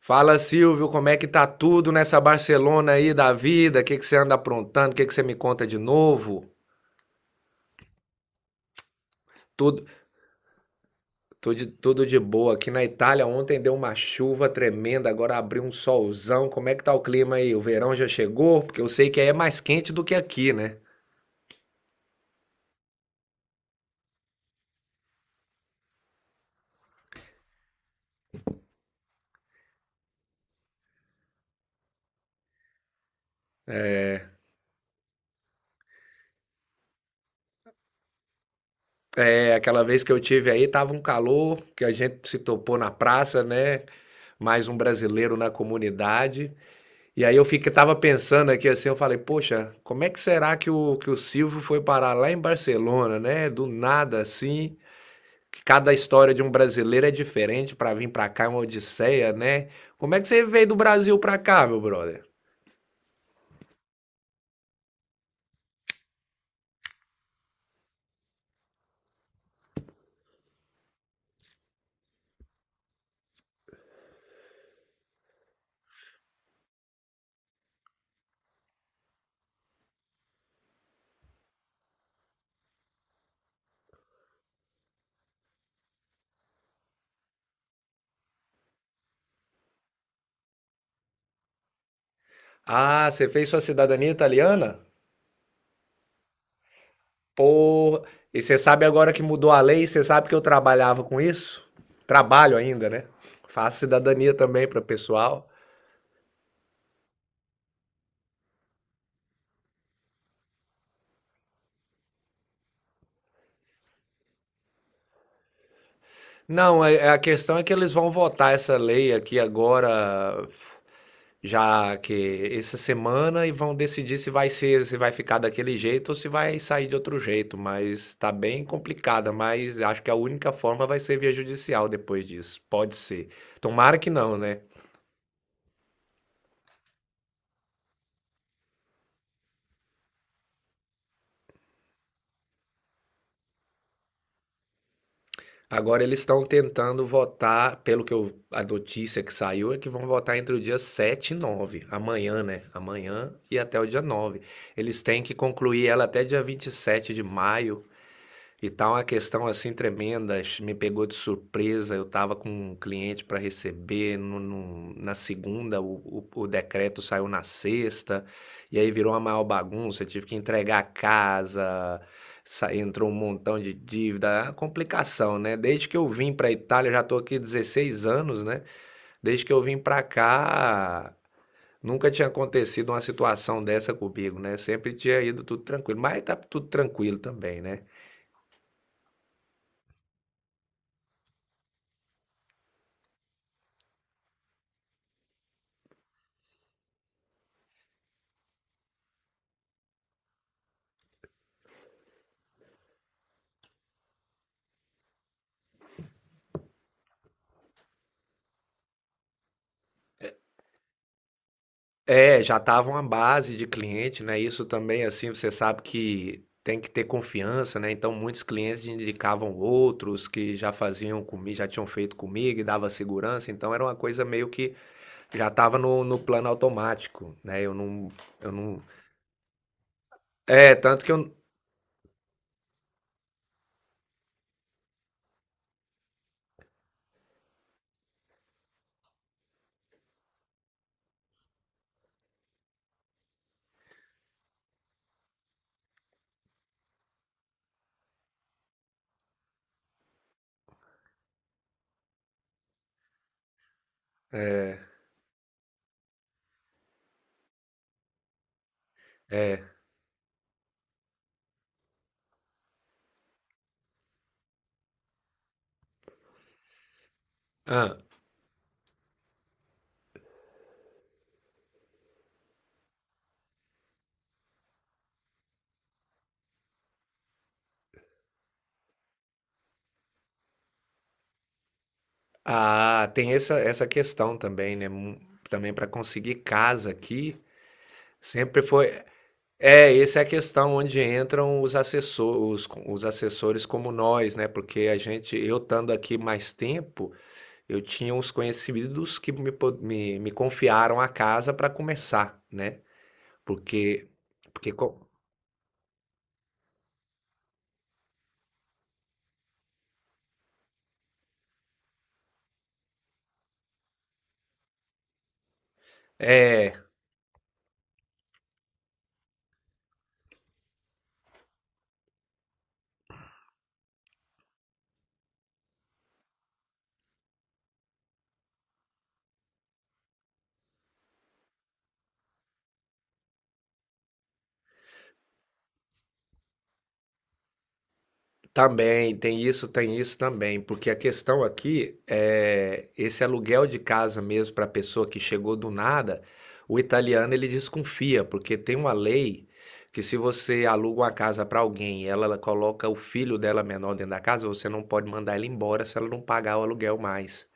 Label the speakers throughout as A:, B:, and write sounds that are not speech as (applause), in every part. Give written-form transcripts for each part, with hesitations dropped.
A: Fala, Silvio, como é que tá tudo nessa Barcelona aí da vida? O que que você anda aprontando? O que que você me conta de novo? Tudo, tudo, tudo de boa. Aqui na Itália ontem deu uma chuva tremenda, agora abriu um solzão. Como é que tá o clima aí? O verão já chegou? Porque eu sei que aí é mais quente do que aqui, né? É, aquela vez que eu tive aí tava um calor, que a gente se topou na praça, né? Mais um brasileiro na comunidade. E aí eu fiquei, tava pensando aqui assim, eu falei, poxa, como é que será que o Silvio foi parar lá em Barcelona, né? Do nada assim, que cada história de um brasileiro é diferente pra vir pra cá, é uma odisseia, né? Como é que você veio do Brasil pra cá, meu brother? Ah, você fez sua cidadania italiana? Pô, e você sabe agora que mudou a lei, você sabe que eu trabalhava com isso? Trabalho ainda, né? Faço cidadania também para o pessoal. Não, a questão é que eles vão votar essa lei aqui agora, já que essa semana e vão decidir se vai ser, se vai ficar daquele jeito ou se vai sair de outro jeito, mas tá bem complicada, mas acho que a única forma vai ser via judicial depois disso. Pode ser. Tomara que não, né? Agora eles estão tentando votar, pelo que eu, a notícia que saiu é que vão votar entre o dia 7 e 9 amanhã, né? Amanhã e até o dia nove. Eles têm que concluir ela até dia 27 de maio. E tá uma questão assim tremenda, me pegou de surpresa. Eu estava com um cliente para receber no, na segunda, o, o decreto saiu na sexta, e aí virou uma maior bagunça. Eu tive que entregar a casa, entrou um montão de dívida, é complicação, né? Desde que eu vim para Itália, eu já estou aqui 16 anos, né? Desde que eu vim para cá, nunca tinha acontecido uma situação dessa comigo, né? Sempre tinha ido tudo tranquilo, mas tá tudo tranquilo também, né? É, já estava uma base de cliente, né, isso também, assim, você sabe que tem que ter confiança, né, então muitos clientes indicavam outros que já faziam comigo, já tinham feito comigo e dava segurança, então era uma coisa meio que já estava no plano automático, né, eu não é, tanto que eu é, é. Ah. Ah, tem essa questão também, né, mu também para conseguir casa aqui, sempre foi. É, essa é a questão onde entram os assessores como nós, né, porque a gente eu estando aqui mais tempo, eu tinha uns conhecidos que me po me me confiaram a casa para começar, né, porque porque co é. Também, tem isso também, porque a questão aqui é esse aluguel de casa mesmo para a pessoa que chegou do nada, o italiano ele desconfia, porque tem uma lei que se você aluga uma casa para alguém e ela coloca o filho dela menor dentro da casa, você não pode mandar ela embora se ela não pagar o aluguel mais.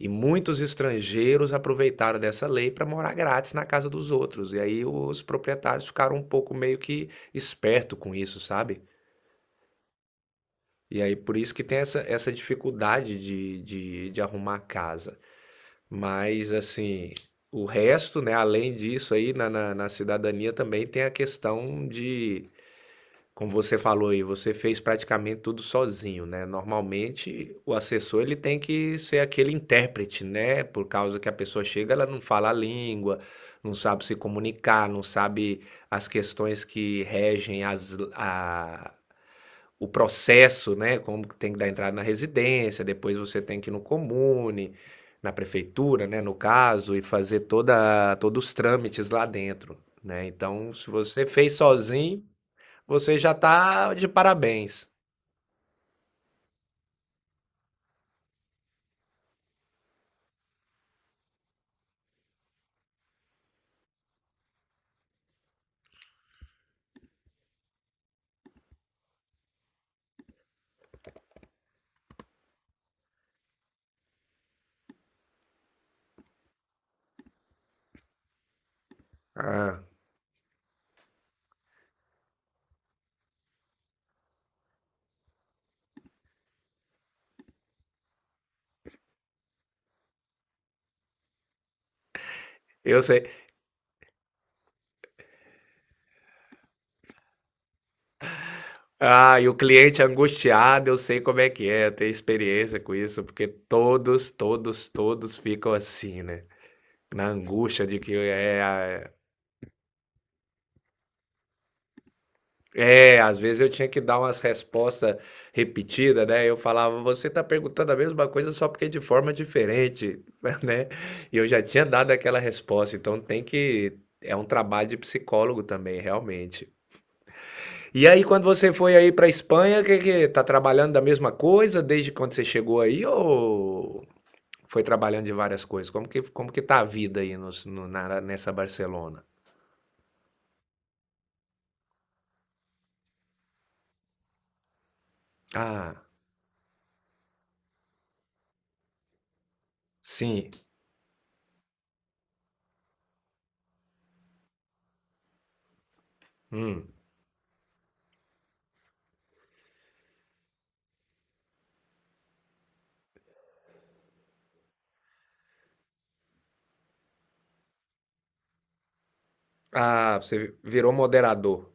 A: E muitos estrangeiros aproveitaram dessa lei para morar grátis na casa dos outros, e aí os proprietários ficaram um pouco meio que esperto com isso, sabe? E aí, por isso que tem essa, essa dificuldade de arrumar casa. Mas, assim, o resto, né, além disso aí, na cidadania também tem a questão de, como você falou aí, você fez praticamente tudo sozinho, né? Normalmente, o assessor, ele tem que ser aquele intérprete, né? Por causa que a pessoa chega, ela não fala a língua, não sabe se comunicar, não sabe as questões que regem o processo, né? Como que tem que dar entrada na residência, depois você tem que ir no comune, na prefeitura, né? No caso, e fazer todos os trâmites lá dentro, né? Então, se você fez sozinho, você já tá de parabéns. Ah, eu sei. Ah, e o cliente angustiado, eu sei como é que é, eu tenho experiência com isso, porque todos, todos, todos ficam assim, né? Na angústia de que é. É, às vezes eu tinha que dar umas respostas repetidas, né? Eu falava, você tá perguntando a mesma coisa só porque de forma diferente, (laughs) né? E eu já tinha dado aquela resposta, então tem que. É um trabalho de psicólogo também, realmente. E aí, quando você foi aí pra Espanha, que tá trabalhando da mesma coisa desde quando você chegou aí ou foi trabalhando de várias coisas? Como que tá a vida aí nos- no, na- nessa Barcelona? Ah, sim. Hum. Ah, você virou moderador.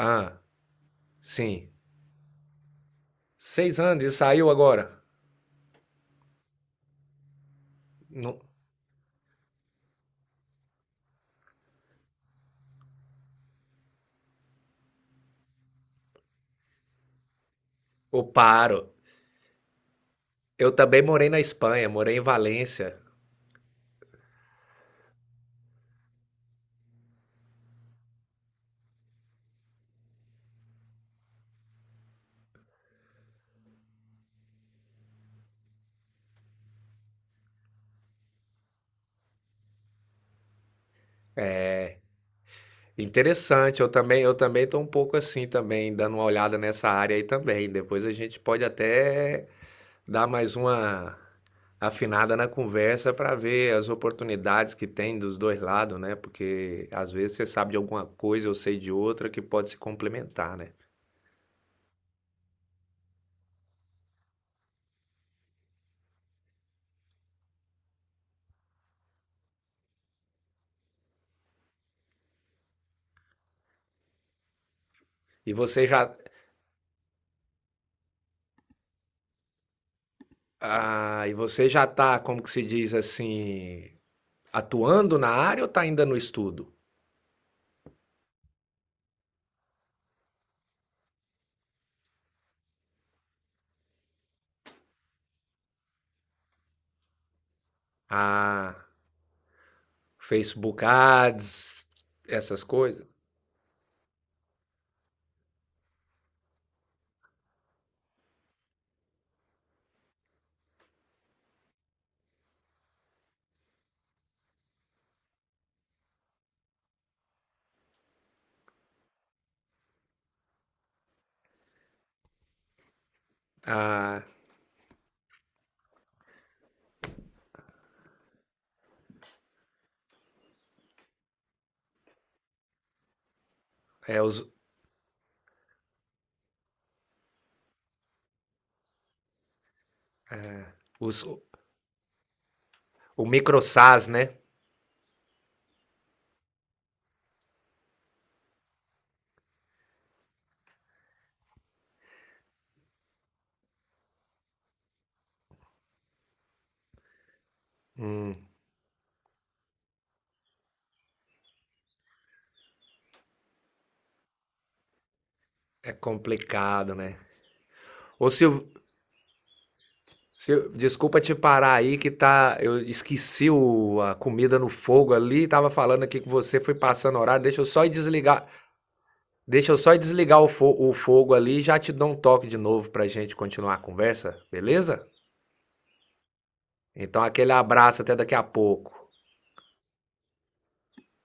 A: Ah, sim. 6 anos e saiu agora? Não, eu paro. Eu também morei na Espanha, morei em Valência. Interessante, eu também tô um pouco assim também, dando uma olhada nessa área aí também. Depois a gente pode até dar mais uma afinada na conversa para ver as oportunidades que tem dos dois lados, né? Porque às vezes você sabe de alguma coisa, eu sei de outra que pode se complementar, né? E você já, ah, e você já tá, como que se diz assim, atuando na área ou tá ainda no estudo? Ah, Facebook Ads, essas coisas. Ah, é o microsas, né? Hum, é complicado, né? Ô Silvio, desculpa te parar aí que tá, eu esqueci a comida no fogo ali, tava falando aqui que você foi passando horário, deixa eu só ir desligar, deixa eu só ir desligar o, o fogo ali e já te dou um toque de novo pra gente continuar a conversa, beleza? Então aquele abraço até daqui a pouco.